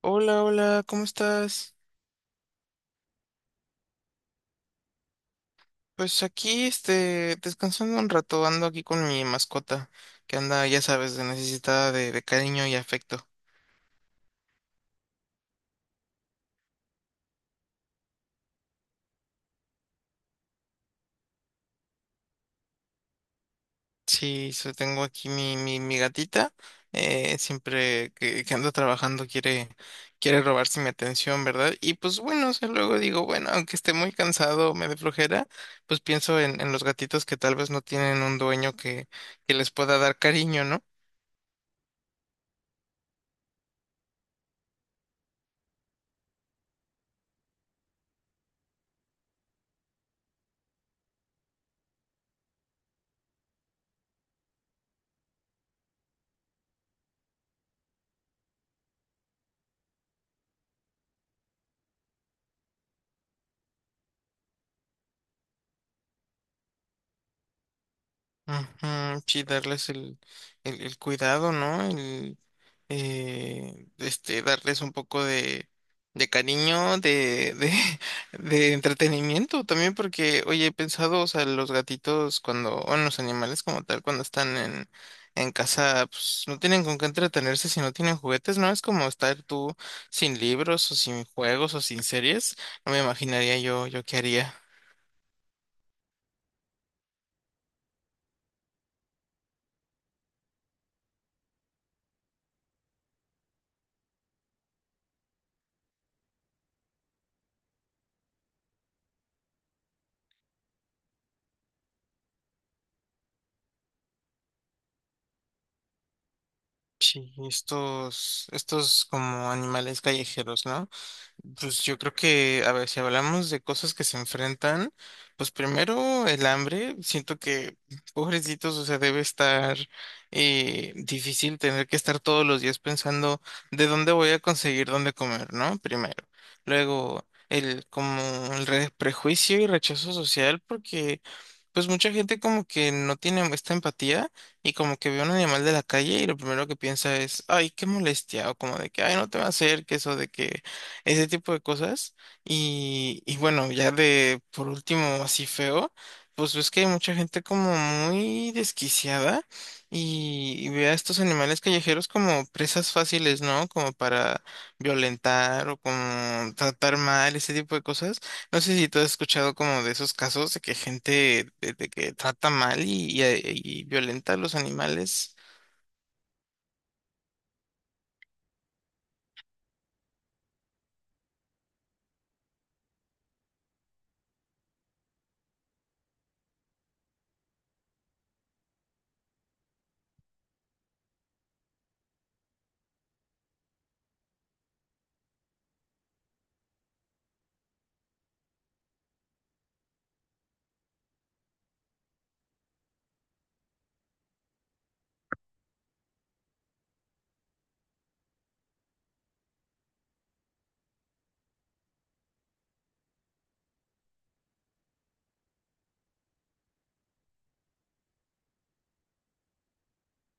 Hola, hola, ¿cómo estás? Pues aquí, descansando un rato, ando aquí con mi mascota, que anda, ya sabes, de necesitada de cariño y afecto. Sí, tengo aquí mi gatita, siempre que ando trabajando quiere robarse mi atención, ¿verdad? Y pues bueno, o sea, luego digo, bueno, aunque esté muy cansado, me dé flojera, pues pienso en los gatitos que tal vez no tienen un que les pueda dar cariño, ¿no? Ujú. Sí, darles el cuidado, ¿no? Darles un poco de cariño, de entretenimiento también, porque, oye, he pensado, o sea, los gatitos cuando, o en los animales como tal, cuando en casa, pues no tienen con qué entretenerse si no tienen juguetes, ¿no? Es como estar tú sin libros o sin juegos o sin series. No me imaginaría yo qué haría. Sí, estos como animales callejeros, ¿no? Pues yo creo que, a ver, si hablamos de cosas que se enfrentan, pues primero el hambre, siento que, pobrecitos, o sea, debe estar difícil tener que estar todos los días pensando de dónde voy a conseguir dónde comer, ¿no? Primero. Luego, el como el re- prejuicio y rechazo social, porque pues mucha gente como que no tiene esta empatía y como que ve a un animal de la calle y lo primero que piensa es, ay, qué molestia, o como de que, ay, no te va a hacer, que eso de que ese tipo de cosas. Y bueno, ya de por último, así feo, pues ves que hay mucha gente como muy desquiciada y ve a estos animales callejeros como presas fáciles, ¿no? Como para violentar o como tratar mal, ese tipo de cosas. No sé si tú has escuchado como de esos casos de que de que trata mal y violenta a los animales.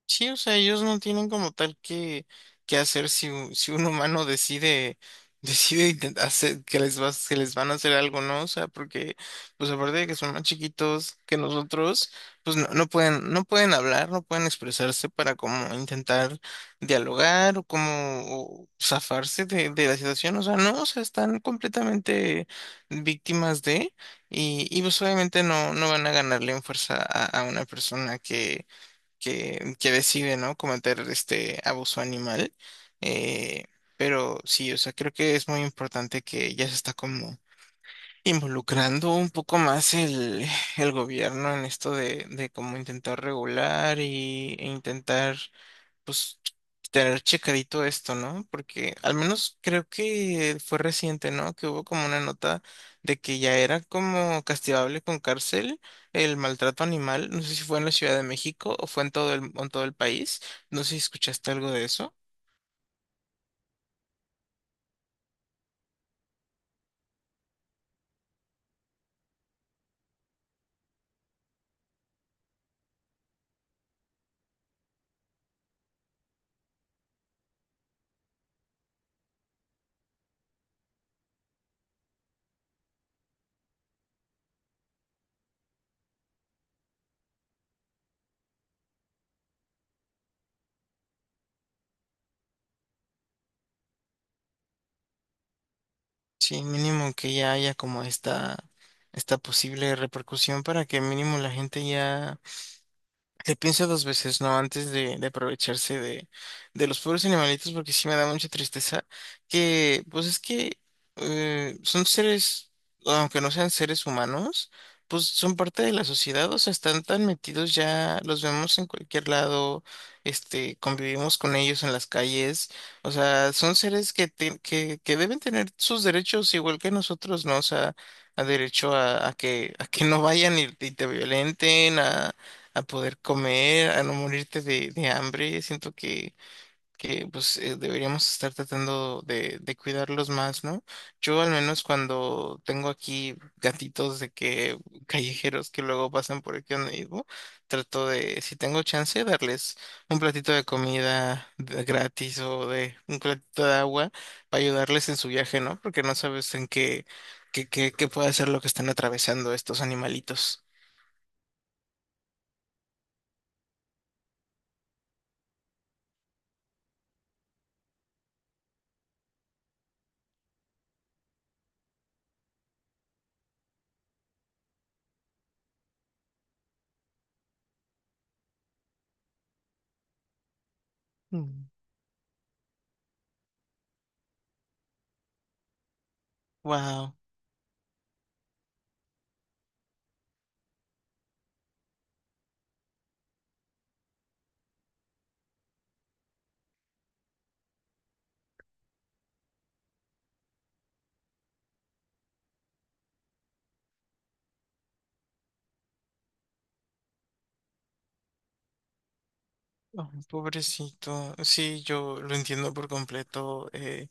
Sí, o sea, ellos no tienen como tal que hacer si, si un humano decide, hacer que que les van a hacer algo, ¿no? O sea, porque, pues aparte de que son más chiquitos que nosotros, pues no pueden hablar, no pueden expresarse para como intentar dialogar o como o de la situación. O sea, no, o sea, están completamente víctimas de, y pues obviamente no van a ganarle en fuerza a una persona que decide, ¿no? Cometer este abuso animal. Eh, pero sí, o sea, creo que es muy importante que ya se está como involucrando un poco más el gobierno en esto de cómo intentar e intentar pues tener checadito esto, ¿no? Porque al menos creo que fue reciente, ¿no? Que hubo como una nota de que ya era como castigable con cárcel el maltrato animal. No sé si fue en la Ciudad de México o fue en en todo el país. No sé si escuchaste algo de eso. Sí, mínimo que ya haya como esta posible repercusión para que mínimo la gente ya le pienso dos veces, ¿no? Antes de aprovecharse de los pobres animalitos, porque sí me da mucha tristeza que, pues es que son seres, aunque no sean seres humanos, pues son parte de la sociedad, o sea, están tan metidos ya, los vemos en cualquier lado, convivimos con ellos en las calles, o sea, son seres que deben tener sus derechos igual que nosotros, ¿no? O sea, a derecho a que no vayan y te violenten, a poder comer, a no morirte de hambre. Siento que pues deberíamos estar tratando de cuidarlos más, ¿no? Yo al menos cuando tengo aquí gatitos de que callejeros que luego pasan por aquí donde vivo, trato de, si tengo chance, darles un platito de gratis o de un platito de agua para ayudarles en su viaje, ¿no? Porque no sabes en qué puede ser lo que están atravesando estos animalitos. Mm. Wow. Ay, pobrecito. Sí, yo lo entiendo por completo.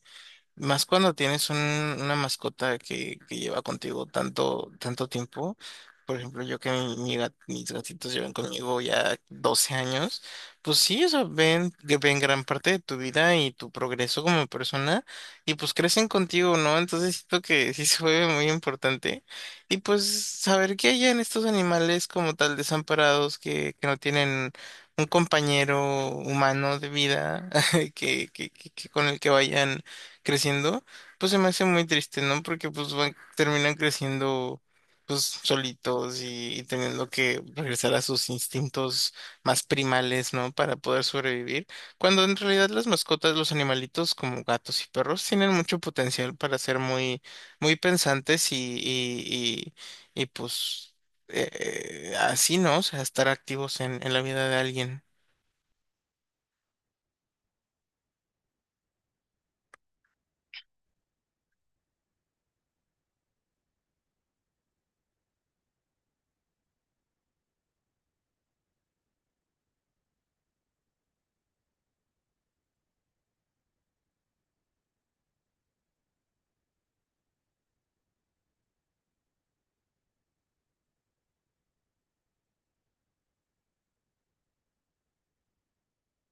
Más cuando tienes una mascota que lleva contigo tanto tiempo. Por ejemplo, yo que mis gatitos llevan conmigo ya 12 años, pues sí, o sea, ven, que ven gran parte de tu vida y tu progreso como persona y pues crecen contigo, ¿no? Entonces siento que sí se vuelve muy importante. Y pues saber que hay en estos animales como tal desamparados que no tienen un compañero humano de vida que con el que vayan creciendo, pues se me hace muy triste, ¿no? Porque pues van, terminan creciendo pues solitos y teniendo que regresar a sus instintos más primales, ¿no? Para poder sobrevivir. Cuando en realidad las mascotas, los animalitos como gatos y perros tienen mucho potencial para ser muy pensantes pues así, ¿no? O sea, estar activos en la vida de alguien.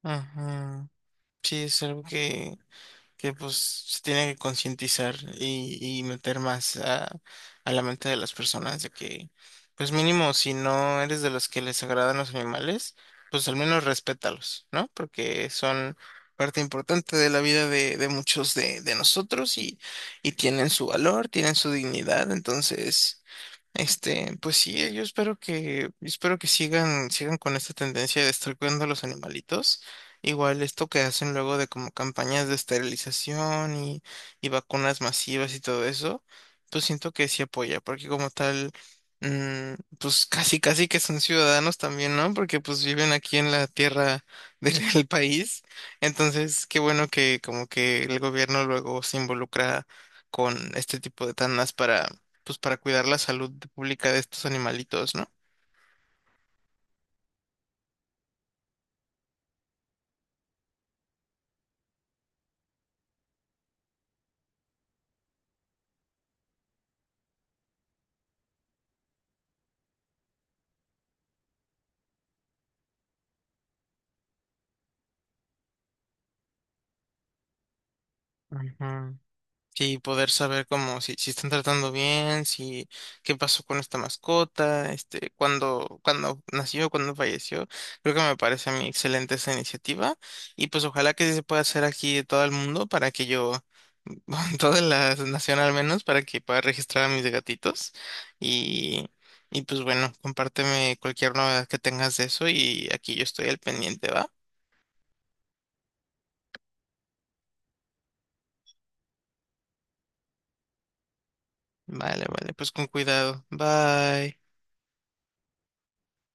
Ajá. Sí, es algo que pues se tiene que concientizar y meter más a la mente de las personas de que, pues mínimo, si no eres de los que les agradan los animales, pues al menos respétalos, ¿no? Porque son parte importante de la vida de muchos de nosotros y tienen su valor, tienen su dignidad, entonces... pues sí, yo espero que sigan con esta tendencia de estar cuidando a los animalitos. Igual esto que hacen luego de como campañas de esterilización y vacunas masivas y todo eso, pues siento que sí apoya, porque como tal, pues casi casi que son ciudadanos también, ¿no? Porque pues viven aquí en la tierra del país. Entonces, qué bueno que como que el gobierno luego se involucra con este tipo de tandas para pues para cuidar la salud pública de estos animalitos, ¿no? Ujú. Sí, poder saber cómo, si están tratando bien, si qué pasó con esta mascota, cuándo nació, cuándo falleció. Creo que me parece a mí excelente esa iniciativa. Y pues ojalá que sí se pueda hacer aquí de todo el mundo para que yo, toda la nación al menos, para que pueda registrar a mis gatitos. Y, y pues bueno, compárteme cualquier novedad que tengas de eso y aquí yo estoy al pendiente, ¿va? Vale, vale, pues con cuidado. Bye.